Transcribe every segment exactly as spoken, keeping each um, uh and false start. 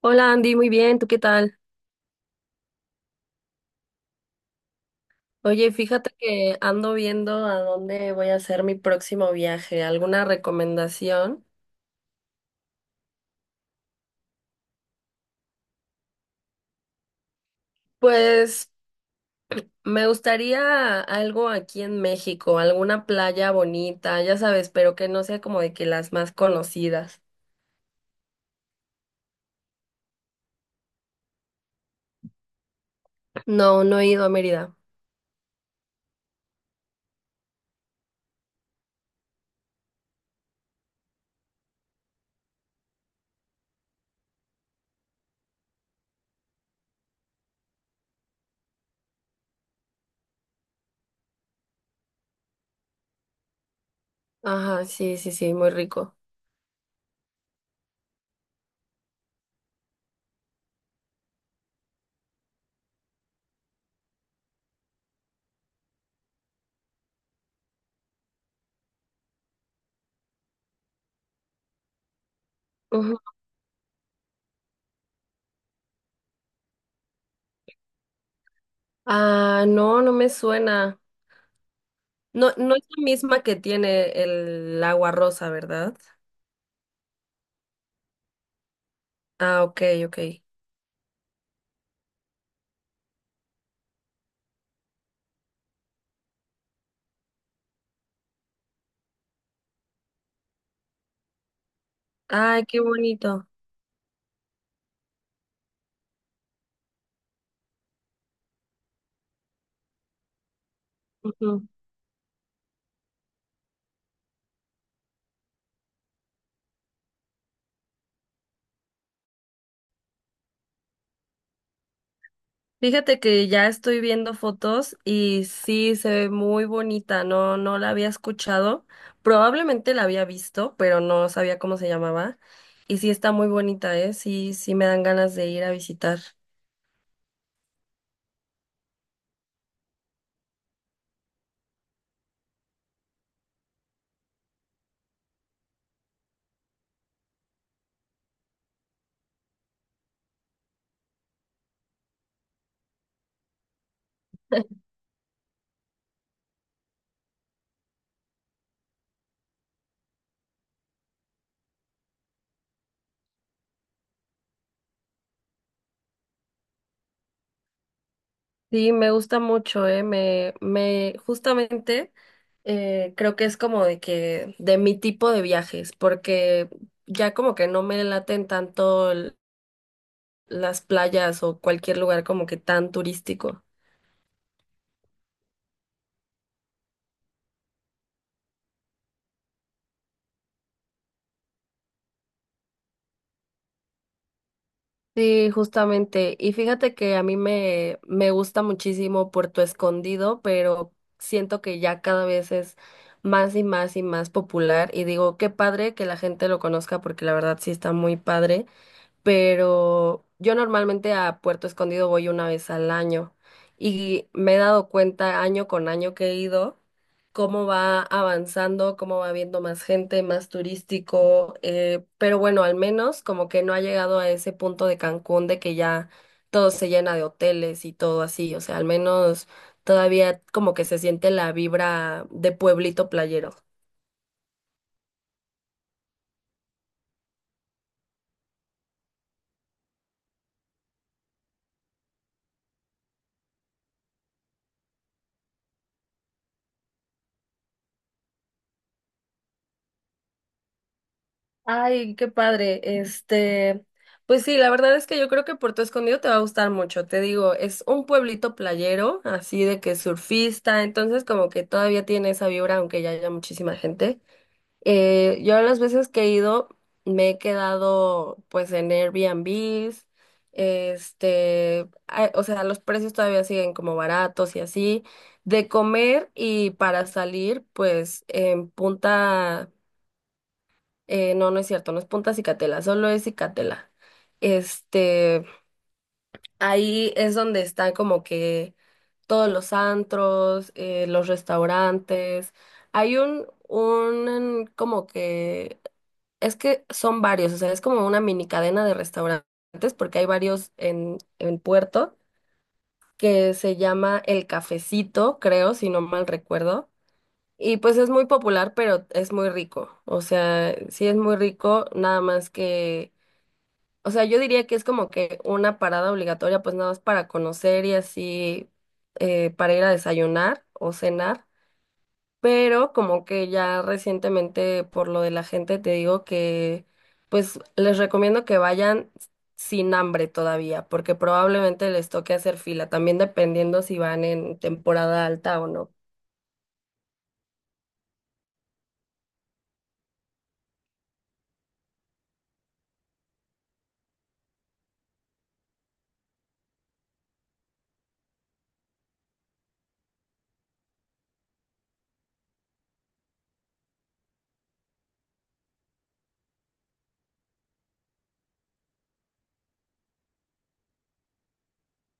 Hola Andy, muy bien, ¿tú qué tal? Oye, fíjate que ando viendo a dónde voy a hacer mi próximo viaje. ¿Alguna recomendación? Pues me gustaría algo aquí en México, alguna playa bonita, ya sabes, pero que no sea como de que las más conocidas. No, no he ido a Mérida. Ajá, sí, sí, sí, muy rico. Ujú. Ah, no, no me suena. No, no es la misma que tiene el agua rosa, ¿verdad? Ah, ok, ok. Ay, qué bonito. Fíjate que ya estoy viendo fotos y sí se ve muy bonita, no, no la había escuchado, probablemente la había visto, pero no sabía cómo se llamaba. Y sí está muy bonita, ¿eh? Sí, sí me dan ganas de ir a visitar. Sí, me gusta mucho, ¿eh? Me, me, justamente eh, creo que es como de que, de mi tipo de viajes, porque ya como que no me laten tanto l- las playas o cualquier lugar como que tan turístico. Sí, justamente. Y fíjate que a mí me, me gusta muchísimo Puerto Escondido, pero siento que ya cada vez es más y más y más popular. Y digo, qué padre que la gente lo conozca porque la verdad sí está muy padre. Pero yo normalmente a Puerto Escondido voy una vez al año y me he dado cuenta año con año que he ido cómo va avanzando, cómo va viendo más gente, más turístico, eh, pero bueno, al menos como que no ha llegado a ese punto de Cancún de que ya todo se llena de hoteles y todo así, o sea, al menos todavía como que se siente la vibra de pueblito playero. Ay, qué padre. Este, pues sí, la verdad es que yo creo que Puerto Escondido te va a gustar mucho. Te digo, es un pueblito playero, así de que surfista, entonces como que todavía tiene esa vibra, aunque ya haya muchísima gente. Eh, yo las veces que he ido me he quedado pues en Airbnbs, este, ah, o sea, los precios todavía siguen como baratos y así. De comer y para salir, pues en Punta, eh, no, no es cierto, no es Punta Cicatela, solo es Cicatela. Este, ahí es donde están como que todos los antros, eh, los restaurantes. Hay un, un como que es que son varios, o sea, es como una mini cadena de restaurantes, porque hay varios en, en Puerto, que se llama El Cafecito, creo, si no mal recuerdo. Y pues es muy popular, pero es muy rico. O sea, sí es muy rico, nada más que, o sea, yo diría que es como que una parada obligatoria, pues nada más para conocer y así, eh, para ir a desayunar o cenar pero como que ya recientemente por lo de la gente te digo que pues les recomiendo que vayan sin hambre todavía, porque probablemente les toque hacer fila, también dependiendo si van en temporada alta o no.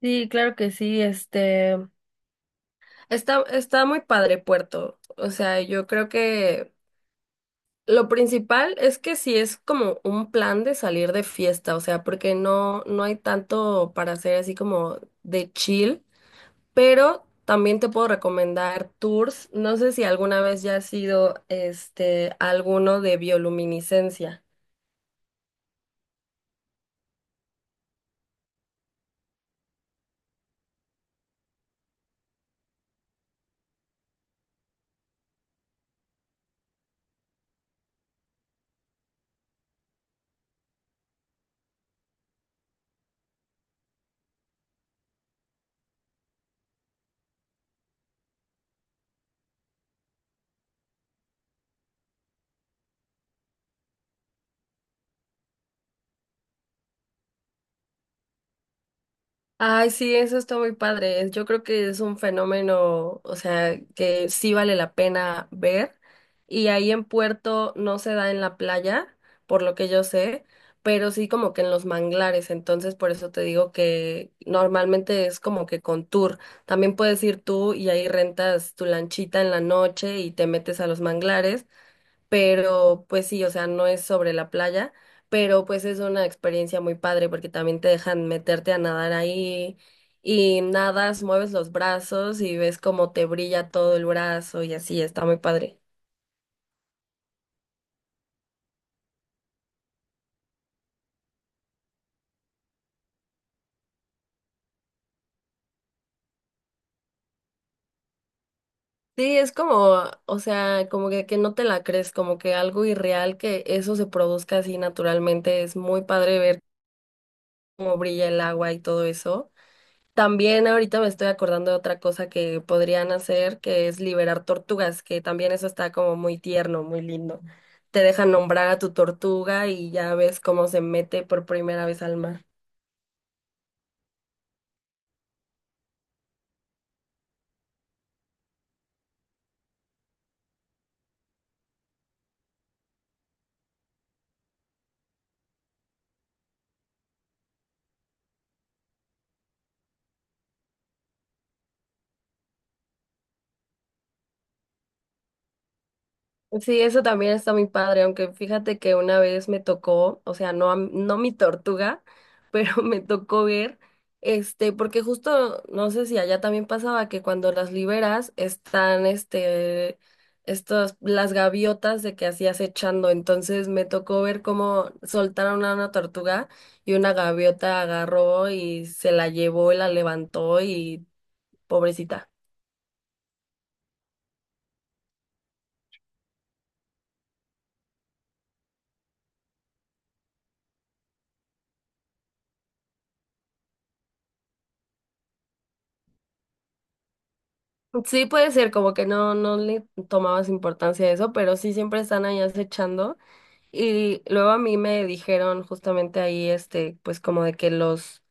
Sí, claro que sí, este está, está muy padre Puerto. O sea, yo creo que lo principal es que si es como un plan de salir de fiesta, o sea, porque no, no hay tanto para hacer así como de chill. Pero también te puedo recomendar tours. No sé si alguna vez ya has sido este, alguno de bioluminiscencia. Ay, sí, eso está muy padre. Es- Yo creo que es un fenómeno, o sea, que sí vale la pena ver. Y ahí en Puerto no se da en la playa, por lo que yo sé, pero sí como que en los manglares. Entonces, por eso te digo que normalmente es como que con tour. También puedes ir tú y ahí rentas tu lanchita en la noche y te metes a los manglares pero pues sí, o sea, no es sobre la playa, pero pues es una experiencia muy padre porque también te dejan meterte a nadar ahí y nadas, mueves los brazos y ves cómo te brilla todo el brazo y así, está muy padre. Sí, es como, o sea, como que, que no te la crees, como que algo irreal que eso se produzca así naturalmente, es muy padre ver cómo brilla el agua y todo eso. También ahorita me estoy acordando de otra cosa que podrían hacer, que es liberar tortugas, que también eso está como muy tierno, muy lindo. Te dejan nombrar a tu tortuga y ya ves cómo se mete por primera vez al mar. Sí, eso también está muy padre, aunque fíjate que una vez me tocó, o sea, no, a m- no mi tortuga, pero me tocó ver, este, porque justo, no sé si allá también pasaba que cuando las liberas están, este, estos las gaviotas de que hacías echando, entonces me tocó ver cómo soltaron a una tortuga y una gaviota agarró y se la llevó y la levantó y pobrecita. Sí, puede ser, como que no, no le tomabas importancia a eso, pero sí siempre están ahí acechando. Y luego a mí me dijeron justamente ahí, este, pues como de que los,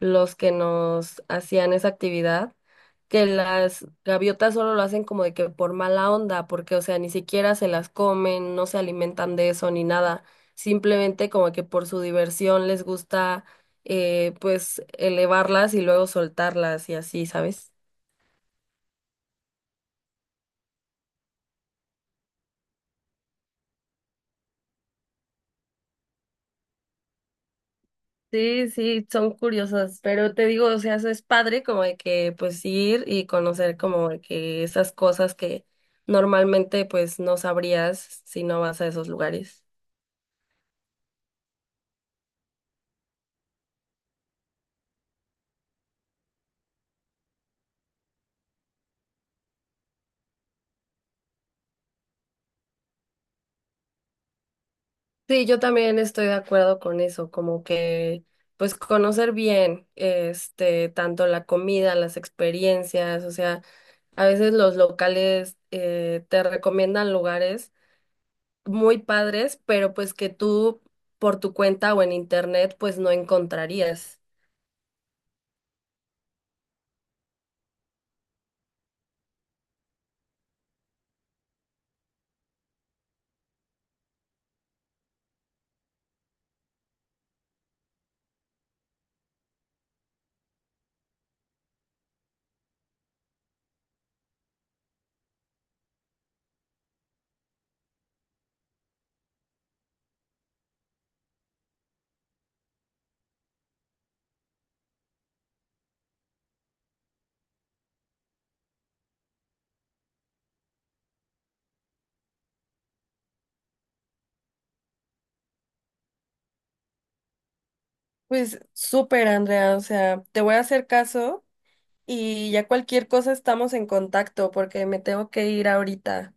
los que nos hacían esa actividad, que las gaviotas solo lo hacen como de que por mala onda, porque, o sea, ni siquiera se las comen, no se alimentan de eso ni nada. Simplemente como que por su diversión les gusta, eh, pues elevarlas y luego soltarlas y así, ¿sabes? Sí, sí, son curiosas, pero te digo, o sea, eso es padre como de que pues ir y conocer como de que esas cosas que normalmente pues no sabrías si no vas a esos lugares. Sí, yo también estoy de acuerdo con eso, como que pues conocer bien, este, tanto la comida, las experiencias, o sea, a veces los locales eh, te recomiendan lugares muy padres, pero pues que tú por tu cuenta o en internet pues no encontrarías. Pues súper, Andrea, o sea, te voy a hacer caso y ya cualquier cosa estamos en contacto porque me tengo que ir ahorita.